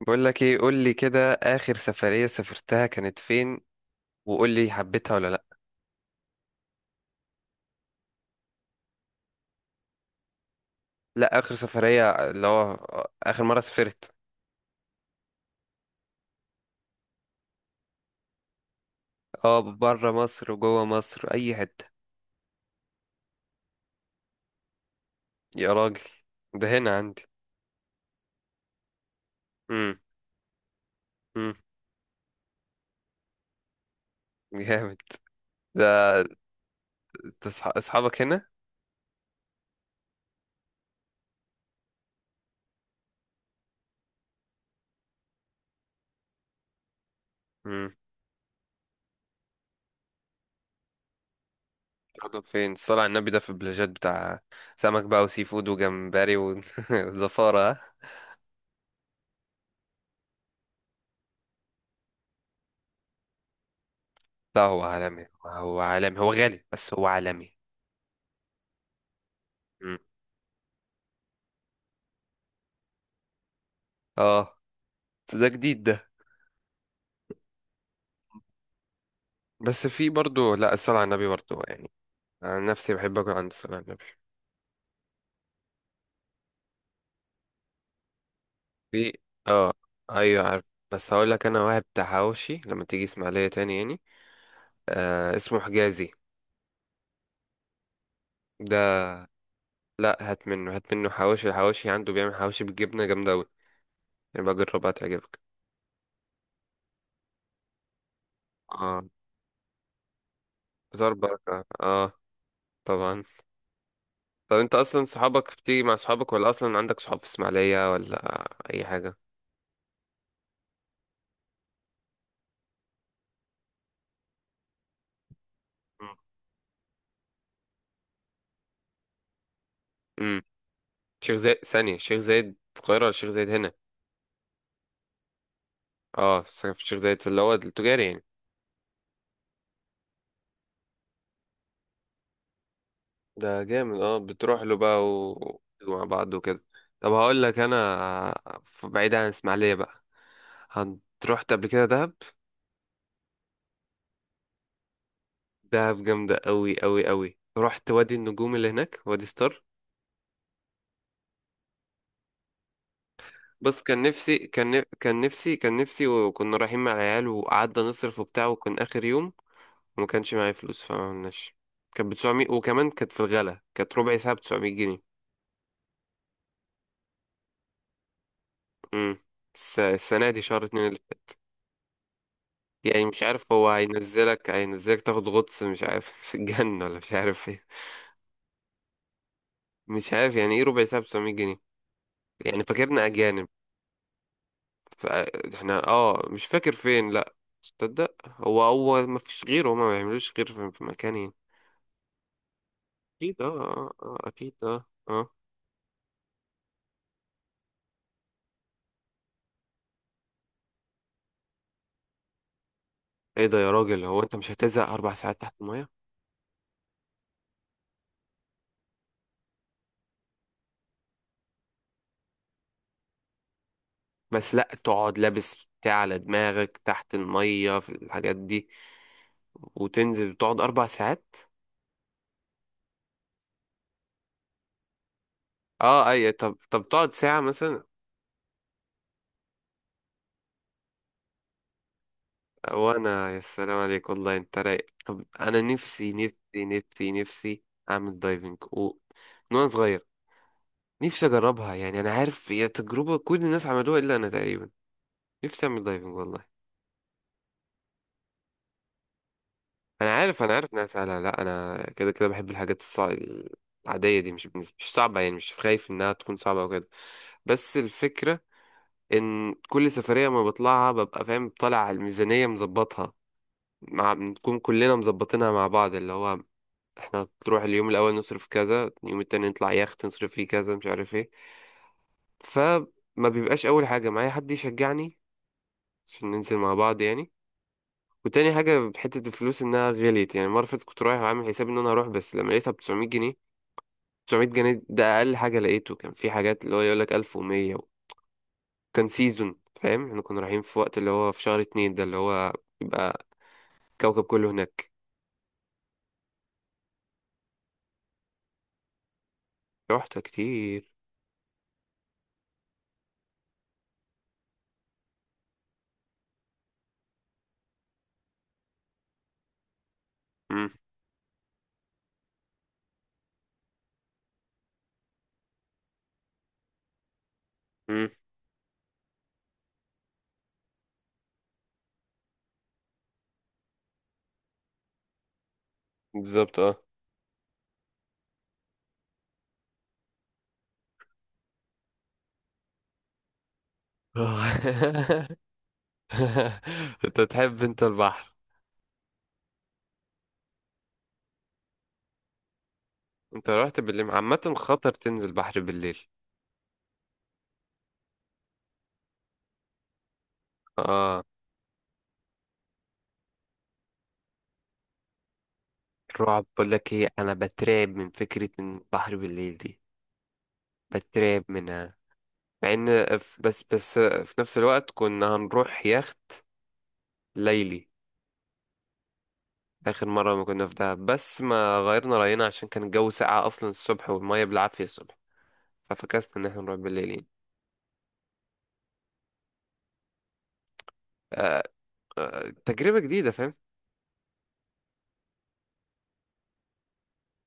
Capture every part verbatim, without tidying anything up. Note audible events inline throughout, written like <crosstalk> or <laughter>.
بقول لك ايه، قول لي كده، اخر سفرية سافرتها كانت فين؟ وقول لي حبيتها ولا لا. لا اخر سفرية اللي هو اخر مرة سافرت. اه، بره مصر وجوه مصر، اي حتة. يا راجل، ده هنا عندي. امم امم جامد ده. أنت أصح- اصحابك هنا. امم تقعدوا فين؟ الصلاة على النبي ده في البلاجات بتاع سمك بقى، وسي فود، وجمبري، وزفارة <laughs> ها؟ لا هو عالمي، هو عالمي، هو غالي بس هو عالمي. امم اه، ده جديد ده. بس في برضو، لا الصلاة على النبي برضو يعني، انا نفسي بحب اكل عند الصلاة على النبي. في، اه، ايوه عارف. بس هقول لك، انا واحد بتاع حواوشي، لما تيجي اسماعيلية تاني يعني، آه اسمه حجازي ده. لا، هات منه، هات منه حواوشي. الحواوشي عنده، بيعمل حواوشي بالجبنة جامدة اوي، يبقى جربها تعجبك. اه، فطار بركة اه، طبعا. طب انت اصلا صحابك بتيجي مع صحابك، ولا اصلا عندك صحاب في اسماعيلية، ولا اي حاجة؟ امم شيخ زايد؟ ثانية، شيخ زايد القاهرة ولا شيخ زايد هنا؟ اه، ساكن في الشيخ زايد في اللي هو التجاري يعني. ده جامد اه، بتروح له بقى و... مع بعض وكده. طب هقول لك انا، ف- بعيد عن اسماعيليه بقى، هن- رحت قبل كده دهب. دهب جامده قوي قوي قوي. رحت وادي النجوم اللي هناك، وادي ستار. بص، كان نفسي، كان نف- كان نفسي كان نفسي، وكنا رايحين مع العيال وقعدنا نصرف وبتاع، وكان اخر يوم وما كانش معايا فلوس فمعملناش. كانت ب تسعمية، وكمان كانت في الغلا، كانت ربع ساعه ب تسعمية جنيه. امم الس- السنه دي شهر اتنين. يعني مش عارف هو هينزلك، هينزلك تاخد غطس، مش عارف <laughs> في الجنة ولا مش عارف ايه. مش عارف يعني ايه ربع ساعة ب سبعمية جنيه؟ يعني فاكرنا أجانب. فاحنا اه مش فاكر فين، لأ. تصدق، هو هو ما فيش غيره، هما ما بيعملوش غير في في مكان يعني. أكيد اه اه، آه، آه، أكيد اه اه. ايه ده يا راجل؟ هو انت مش هتزهق أربع ساعات تحت المية؟ بس لأ، تقعد لابس بتاع على دماغك تحت المية في الحاجات دي، وتنزل تقعد أربع ساعات! اه، اي طب، طب تقعد ساعة مثلا. وانا يا سلام عليك، والله انت رايق. طب انا نفسي نفسي نفسي نفسي اعمل دايفنج و... من وانا صغير، نفسي اجربها يعني. انا عارف هي تجربه كل الناس عملوها الا انا تقريبا. نفسي اعمل دايفنج والله. انا عارف انا عارف انها سهله. لا، انا كده كده بحب الحاجات الصع... العاديه دي. مش بالنسبة... مش صعبه يعني، مش خايف انها تكون صعبه او كده. بس الفكره ان كل سفريه ما بطلعها ببقى فاهم طالع على الميزانيه مظبطها، مع بنكون كلنا مظبطينها مع بعض. اللي هو احنا تروح اليوم الاول نصرف كذا، اليوم التاني نطلع يخت نصرف فيه كذا، مش عارف ايه. فما بيبقاش اول حاجه معايا حد يشجعني عشان ننزل مع بعض يعني. وتاني حاجه حته الفلوس انها غليت. يعني مره فاتت كنت رايح وعامل حساب ان انا هروح، بس لما لقيتها ب تسعمية جنيه. تسعمية جنيه ده اقل حاجه لقيته، كان في حاجات اللي هو يقول لك ألف ومية. كان سيزون فاهم، احنا كنا رايحين في وقت اللي هو في شهر اتنين، ده اللي هو يبقى كوكب كله هناك. رحت كتير. امم امم بالظبط. اه <laughs> <laughs> انت تحب انت البحر؟ انت رحت بالليل؟ عامة خطر تنزل بحر بالليل. اه، الرعب. بقول لك ايه، انا بترعب من فكرة ان البحر بالليل دي، بترعب منها. مع ان ف- بس بس في نفس الوقت كنا هنروح يخت ليلي اخر مرة ما كنا في دهب، بس ما غيرنا رأينا عشان كان الجو ساقع اصلا الصبح والمية بالعافية الصبح، ففكسنا ان احنا نروح بالليل يعني. آه، آه تجربة جديدة فاهم.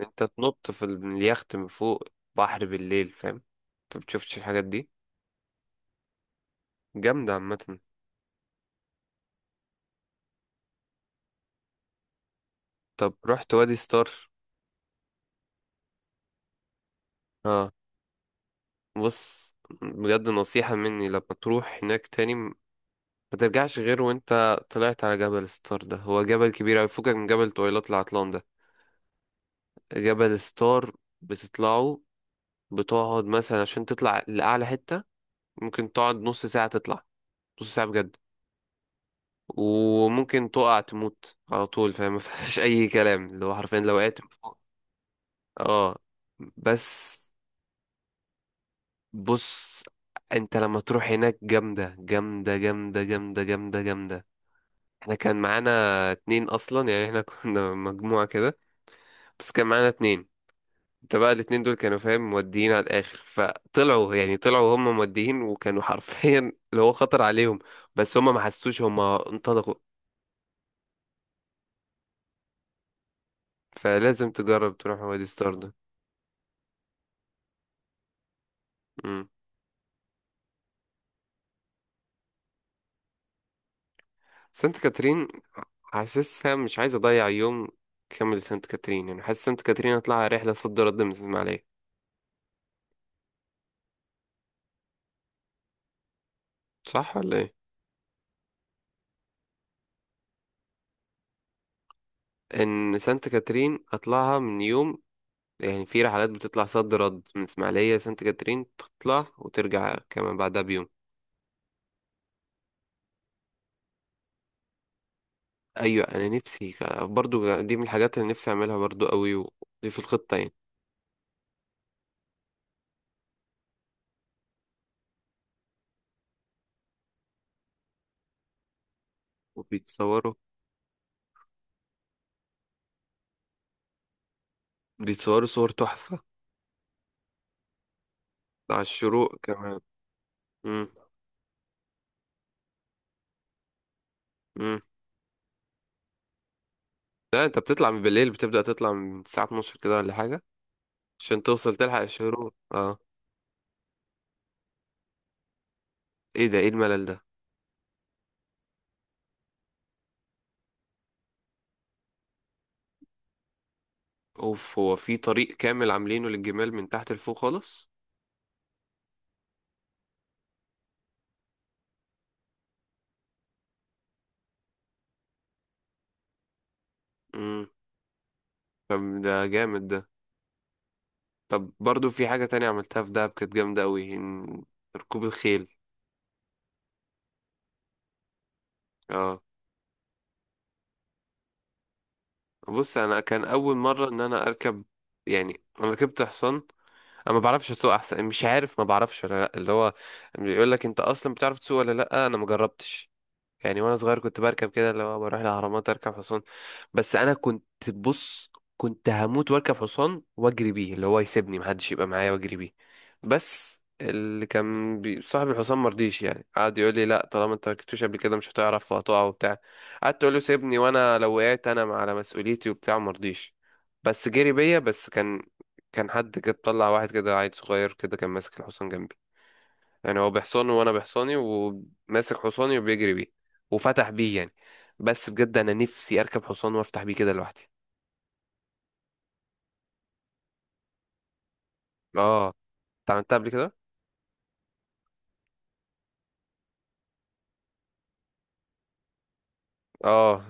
انت تنط في ال- من اليخت من فوق، بحر بالليل فاهم، انت بتشوفش الحاجات دي، جامدة عامة. طب رحت وادي ستار؟ اه، بص، بجد نصيحة مني، لما تروح هناك تاني م- ما ترجعش غير وانت طلعت على جبل ستار. ده هو جبل كبير اوي، فكك من جبل طويلات العطلان ده، جبل ستار. بتطلعه، بتقعد مثلا عشان تطلع لأعلى حتة ممكن تقعد نص ساعة تطلع. نص ساعة بجد. وممكن تقع تموت على طول فاهم <laughs> ما فيهاش اي كلام، اللي هو حرفيا لو وقعت اه. بس بص، انت لما تروح هناك، جامدة جامدة جامدة جامدة جامدة جامدة. احنا كان معانا اتنين اصلا يعني، احنا <laughs> كنا مجموعة كده بس كان معانا اتنين. انت بقى الاتنين دول كانوا فاهم موديين على الاخر، فطلعوا، يعني طلعوا هم موديين، وكانوا <laughs> حرفيا اللي هو خطر عليهم، بس هم ما حسوش، هم انطلقوا. فلازم تجرب تروح وادي ستار ده. سانت كاترين، حاسسها مش عايز اضيع يوم كامل سانت كاترين يعني. حاسس سانت كاترين هطلعها رحله صد رد من الاسماعيليه، صح ولا ايه؟ ان سانت كاترين اطلعها من يوم يعني. في رحلات بتطلع صد رد من اسماعيليه، سانت كاترين تطلع وترجع كمان بعدها بيوم. ايوه، انا نفسي ك- برضو دي من الحاجات اللي نفسي اعملها برضو قوي، ودي في الخطه يعني. وبيتصوروا، بيتصوروا صور تحفه، على الشروق كمان. امم امم لا، انت بتطلع من بالليل، بتبدا تطلع من الساعه اتناشر كده ولا حاجه عشان توصل تلحق الشروق اه. ايه ده؟ ايه الملل ده؟ اوف، هو في طريق كامل عاملينه للجمال من تحت لفوق خالص. امم طب ده جامد ده. طب برضو في حاجة تانية عملتها في دهب كانت جامدة قوي، إن- ركوب الخيل. اه، بص، انا كان اول مرة ان انا اركب، يعني انا ركبت حصان. انا ما بعرفش اسوق احسن، مش عارف ما بعرفش ولا لا. اللي هو بيقول لك انت اصلا بتعرف تسوق ولا لا، انا ما جربتش. يعني وانا صغير كنت بركب كده، اللي هو بروح الاهرامات اركب حصان. بس انا كنت، بص، كنت هموت واركب حصان واجري بيه، اللي هو يسيبني محدش يبقى معايا واجري بيه. بس اللي كان بي... صاحب الحصان مرضيش يعني، قعد يقول لي لا، طالما انت مركبتوش قبل كده مش هتعرف وهتقع وبتاع. قعدت اقول له سيبني، وانا لو وقعت انا على مسؤوليتي وبتاع، مرضيش. بس جري بيا، بس كان، كان حد كده طلع، واحد كده عيل صغير كده كان ماسك الحصان جنبي، يعني هو بحصانه وانا بحصاني، وماسك حصاني وبيجري بيه وفتح بيه يعني. بس بجد، انا نفسي اركب حصان وافتح بيه كده لوحدي. اه، انت عملتها قبل كده؟ اه،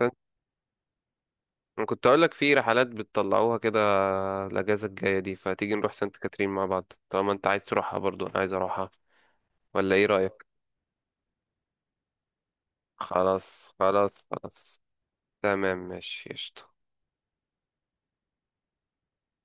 كنت، كنت اقول لك في رحلات بتطلعوها كده، الاجازه الجايه دي، فتيجي نروح سانت كاترين مع بعض طالما انت عايز تروحها، برضو انا عايز اروحها، ولا ايه رايك؟ خلاص خلاص خلاص. تمام، ماشي، قشطة.